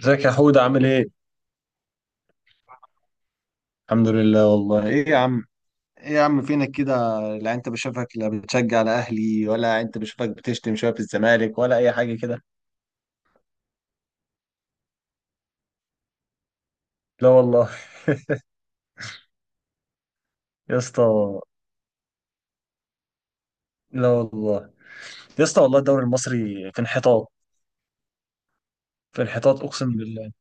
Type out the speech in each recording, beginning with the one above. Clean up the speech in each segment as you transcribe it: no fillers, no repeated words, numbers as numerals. ازيك يا حود عامل ايه؟ الحمد لله والله ايه يا عم. ايه يا عم فينك كده، لا انت بشوفك لا بتشجع على اهلي ولا انت بشوفك بتشتم شويه في الزمالك ولا اي حاجه كده. لا والله. يا اسطى، لا والله. يا اسطى والله الدوري المصري في انحطاط، في انحطاط اقسم بالله.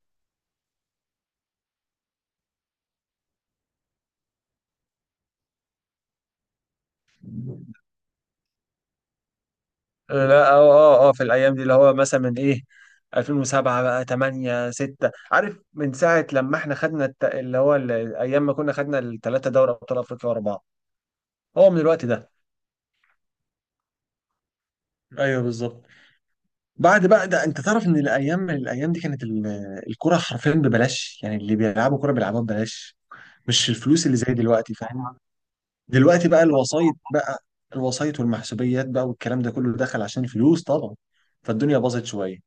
لا في الايام دي اللي هو مثلا من ايه، 2007 بقى 8 6، عارف من ساعه لما احنا خدنا الت... اللي هو ال- ايام ما كنا خدنا الثلاثه دوري ابطال افريقيا ورا بعض، هو من الوقت ده. ايوه بالظبط. بعد بقى ده انت تعرف ان الايام دي كانت الكرة حرفيا ببلاش، يعني اللي بيلعبوا كرة بيلعبوها ببلاش، مش الفلوس اللي زي دلوقتي، فاهم؟ دلوقتي بقى الوسايط بقى، الوسايط والمحسوبيات بقى والكلام ده كله دخل عشان الفلوس طبعا، فالدنيا باظت شوية.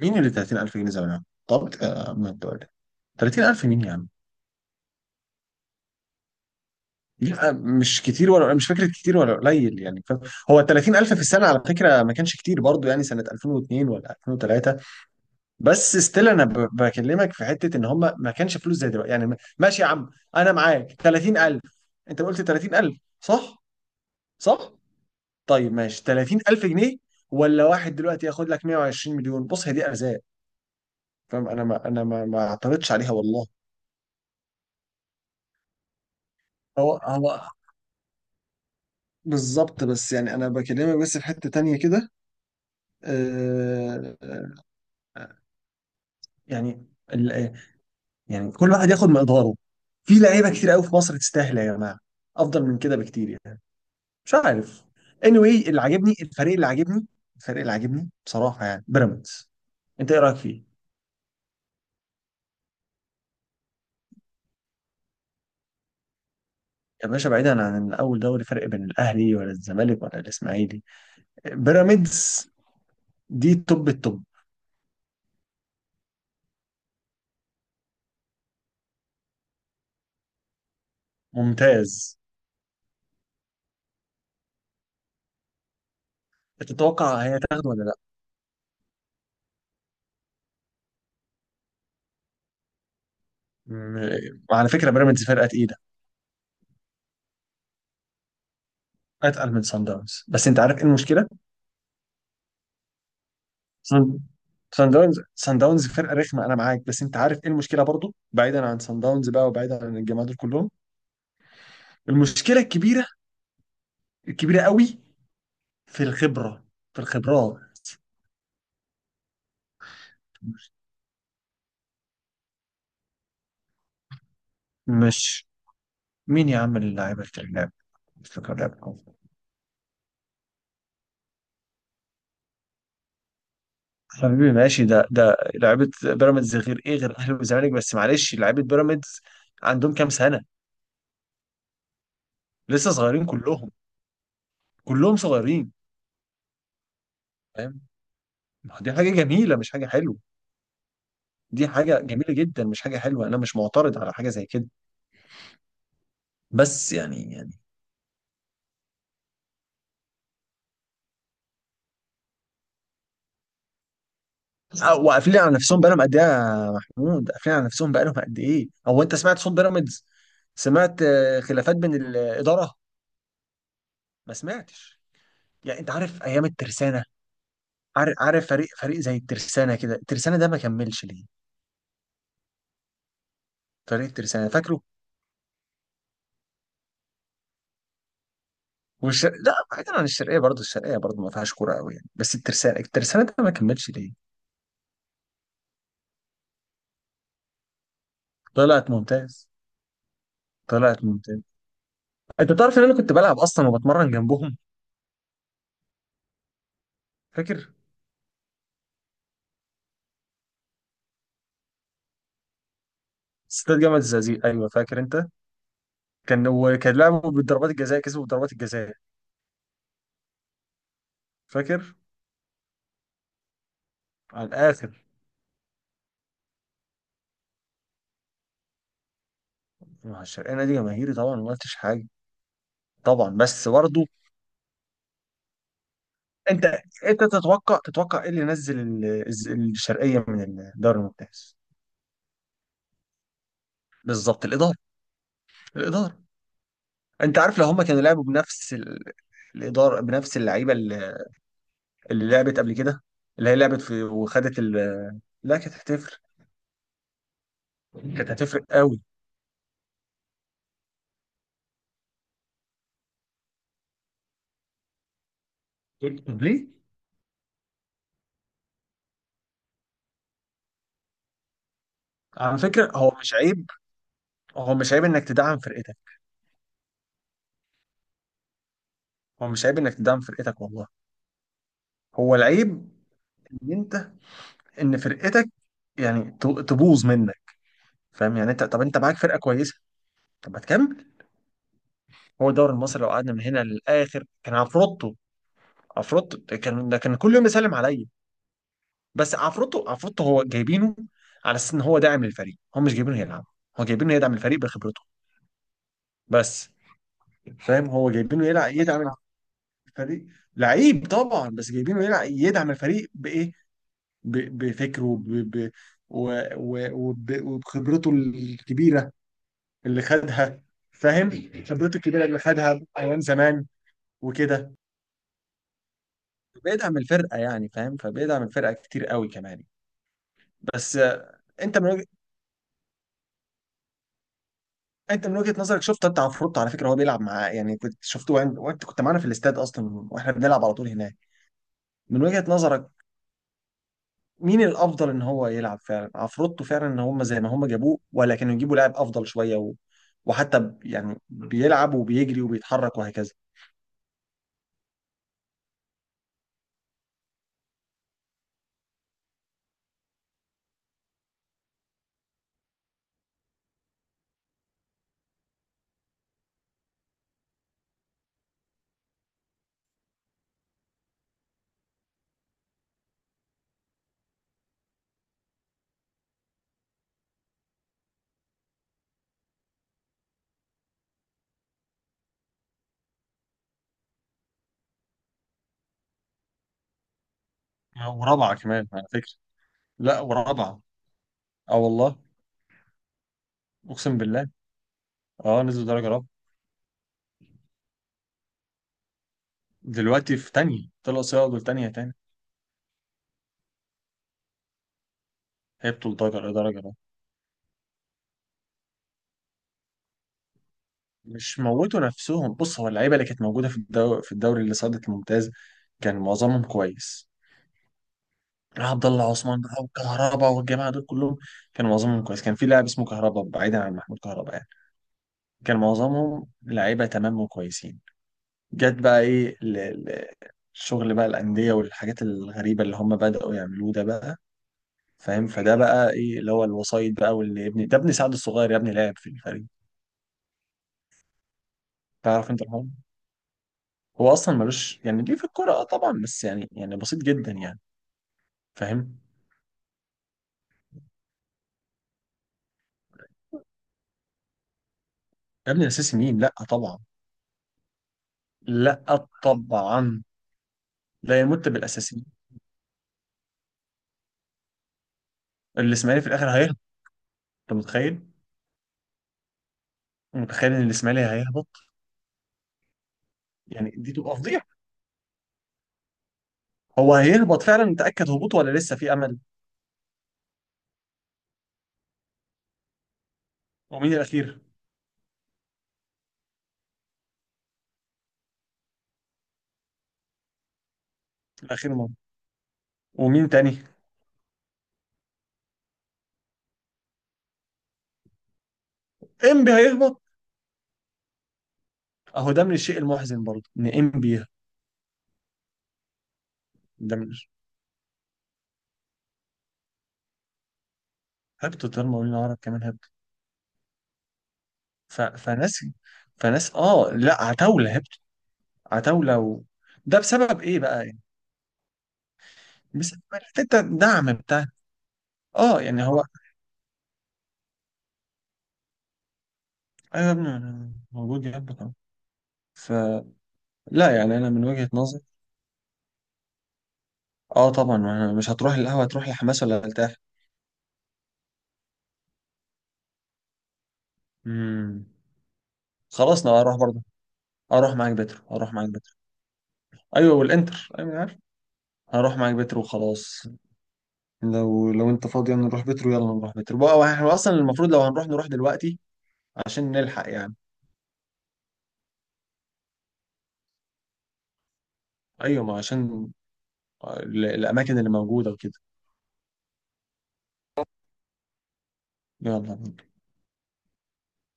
مين اللي 30000 جنيه زمان؟ طب ما انت قلت 30000 مين يا عم؟ لا مش كتير، ولا مش فكرة كتير ولا قليل يعني، فاهم؟ هو 30000 في السنة على فكرة ما كانش كتير برضو، يعني سنة 2002 ولا 2003، بس ستيل انا بكلمك في حته ان هم ما كانش فلوس زي دلوقتي، يعني ماشي يا عم. انا معاك 30000، انت قلت 30000 صح؟ صح. طيب ماشي 30000 جنيه، ولا واحد دلوقتي ياخد لك 120 مليون، بص هي دي ارزاق، فاهم؟ انا ما اعترضتش عليها والله. هو بالظبط، بس يعني انا بكلمك بس في حته تانية كده. آه، آه، يعني ال- يعني كل واحد ياخد مقداره، في لعيبه كتير قوي في مصر تستاهل يا جماعه افضل من كده بكتير يعني. مش عارف، anyway. اللي عاجبني الفريق اللي عاجبني الفريق اللي عاجبني بصراحة يعني بيراميدز، انت ايه رايك فيه؟ يا باشا، بعيدا عن ان اول دوري فرق بين الاهلي ولا الزمالك ولا الاسماعيلي، بيراميدز دي توب التوب. ممتاز. تتوقع هي تاخده ولا لا؟ وعلى فكره بيراميدز فرقه تقيله، اتقل من سان داونز. بس انت عارف ايه المشكله؟ سان سان داونز فرقه رخمه، انا معاك، بس انت عارف ايه المشكله برضو، بعيدا عن سان داونز بقى وبعيدا عن الجماعه دول كلهم؟ المشكله الكبيره، الكبيره قوي، في الخبرة، في الخبرات. مش مين يا عم اللاعب الكلاب؟ افتكر لعبكم حبيبي، ماشي. ده لعيبة بيراميدز غير ايه، غير الاهلي والزمالك، بس معلش لعيبة بيراميدز عندهم كام سنة؟ لسه صغيرين كلهم، كلهم صغيرين، فاهم؟ ما هو دي حاجة جميلة مش حاجة حلوة، دي حاجة جميلة جدا مش حاجة حلوة، انا مش معترض على حاجة زي كده، بس يعني. وقافلين على نفسهم بقالهم قد ايه يا محمود؟ قافلين على نفسهم بقالهم قد ايه؟ هو انت سمعت صوت بيراميدز؟ سمعت خلافات بين الاداره؟ ما سمعتش. يعني انت عارف ايام الترسانه، عارف؟ عارف فريق زي الترسانه كده، الترسانه ده ما كملش ليه؟ فريق الترسانه فاكره؟ لا بعيدا عن الشرقيه، برضه الشرقيه برضه ما فيهاش كوره قوي يعني، بس الترسانه، الترسانه ده ما كملش ليه؟ طلعت ممتاز، طلعت ممتاز. انت تعرف ان انا كنت بلعب اصلا وبتمرن جنبهم؟ فاكر استاد جامعه الزقازيق؟ ايوه فاكر انت، كان وكان لعبوا بالضربات الجزاء كسبوا بضربات الجزاء. فاكر على الاخر. مع الشرقانه دي جماهيري طبعا، ما قلتش حاجه، طبعا بس برضه. انت انت تتوقع، تتوقع ايه اللي نزل الشرقيه من الدوري الممتاز؟ بالظبط، الاداره، الاداره. انت عارف لو هم كانوا لعبوا بنفس الاداره بنفس اللعيبه اللي، اللي لعبت قبل كده، اللي هي لعبت في وخدت لا كانت هتفرق، كانت هتفرق قوي. طب ليه؟ على فكره هو مش عيب، هو مش عيب انك تدعم فرقتك، هو مش عيب انك تدعم فرقتك والله. هو العيب ان انت، ان فرقتك يعني تبوظ منك، فاهم؟ يعني انت، طب انت معاك فرقه كويسه طب ما تكمل. هو الدوري المصري لو قعدنا من هنا للاخر كان عفروتو، عفروتو ده كان، ده كان كل يوم يسلم عليا. بس عفروتو، عفروتو هو جايبينه على اساس ان هو داعم للفريق، هو مش جايبينه يلعب، هو جايبينه يدعم الفريق بخبرته، بس. فاهم، هو جايبينه يلعب يدعم الفريق. لعيب طبعا، بس جايبينه يلعب يدعم الفريق بايه؟ بفكره و- وبخبرته الكبيرة اللي خدها، فاهم؟ خبرته الكبيرة اللي خدها أيام زمان وكده، بيدعم الفرقة يعني، فاهم؟ فبيدعم الفرقة كتير قوي كمان. بس انت انت من وجهة نظرك شفت انت عفروتو، على فكرة هو بيلعب معاه يعني، كنت شفته وانت، وأنت كنت معانا في الاستاد اصلا واحنا بنلعب على طول هناك. من وجهة نظرك مين الافضل، ان هو يلعب فعلا عفروتو فعلا، ان هم زي ما هم جابوه، ولا كانوا يجيبوا لاعب افضل شويه، وحتى يعني بيلعب وبيجري وبيتحرك وهكذا. ورابعه كمان على فكره، لا ورابعه. اه والله، اقسم بالله. اه نزلوا درجه رابعه. دلوقتي في تانية، طلعوا سياقوا تانية تاني. هبطوا لدرجه، درجه رابعه. مش موتوا نفسهم، بص هو اللعيبه اللي كانت موجوده في الدوري، في الدوري اللي صعدت الممتاز، كان معظمهم كويس. عبد الله عثمان بقى، وكهربا، والجماعه دول كلهم، كان معظمهم كويس. كان في لاعب اسمه كهربا بعيدا عن محمود كهربا يعني، كان معظمهم لعيبه تمام وكويسين. جت بقى ايه الشغل بقى الانديه والحاجات الغريبه اللي هم بداوا يعملوه ده بقى، فاهم؟ فده بقى ايه، اللي هو الوسايط بقى، واللي ابني ده ابن سعد الصغير يا ابني لاعب في الفريق، تعرف انت الحوار؟ هو اصلا ملوش يعني ليه في الكوره، اه طبعا، بس يعني، يعني بسيط جدا يعني، فاهم؟ يا ابني الاساسي مين؟ لا طبعا، لا طبعا، لا يمت بالاساسي. الاسماعيلي في الاخر هيهبط، انت متخيل؟ متخيل ان الاسماعيلي هيهبط؟ يعني دي تبقى فضيحه. هو هيهبط فعلا، متاكد هبوطه ولا لسه في امل؟ ومين الاخير؟ الاخير مهم. ومين تاني؟ انبي هيهبط. اهو ده من الشيء المحزن برضه ان انبي يهبط. ده من، هبطت المقاولين العرب كمان هبط. فناس، فناس اه لا، عتاوله هبط، عتاوله ده بسبب ايه بقى يعني؟ بسبب حته الدعم بتاع. اه يعني هو، ايوه يا ابني أنا موجود يهبط أهو. فلا يعني انا من وجهه نظري، اه طبعا. أنا مش هتروح القهوة، هتروح لحماس ولا هترتاح؟ امم، خلاص انا هروح برضه. هروح معاك بترو، هروح معاك بترو. ايوه والانتر، ايوه أنا عارف، هروح معاك بترو وخلاص. لو انت فاضي يلا نروح بترو، يلا نروح بترو بقى، احنا اصلا المفروض لو هنروح نروح دلوقتي عشان نلحق يعني. ايوه ما عشان الاماكن اللي موجودة وكده. يلا بينا.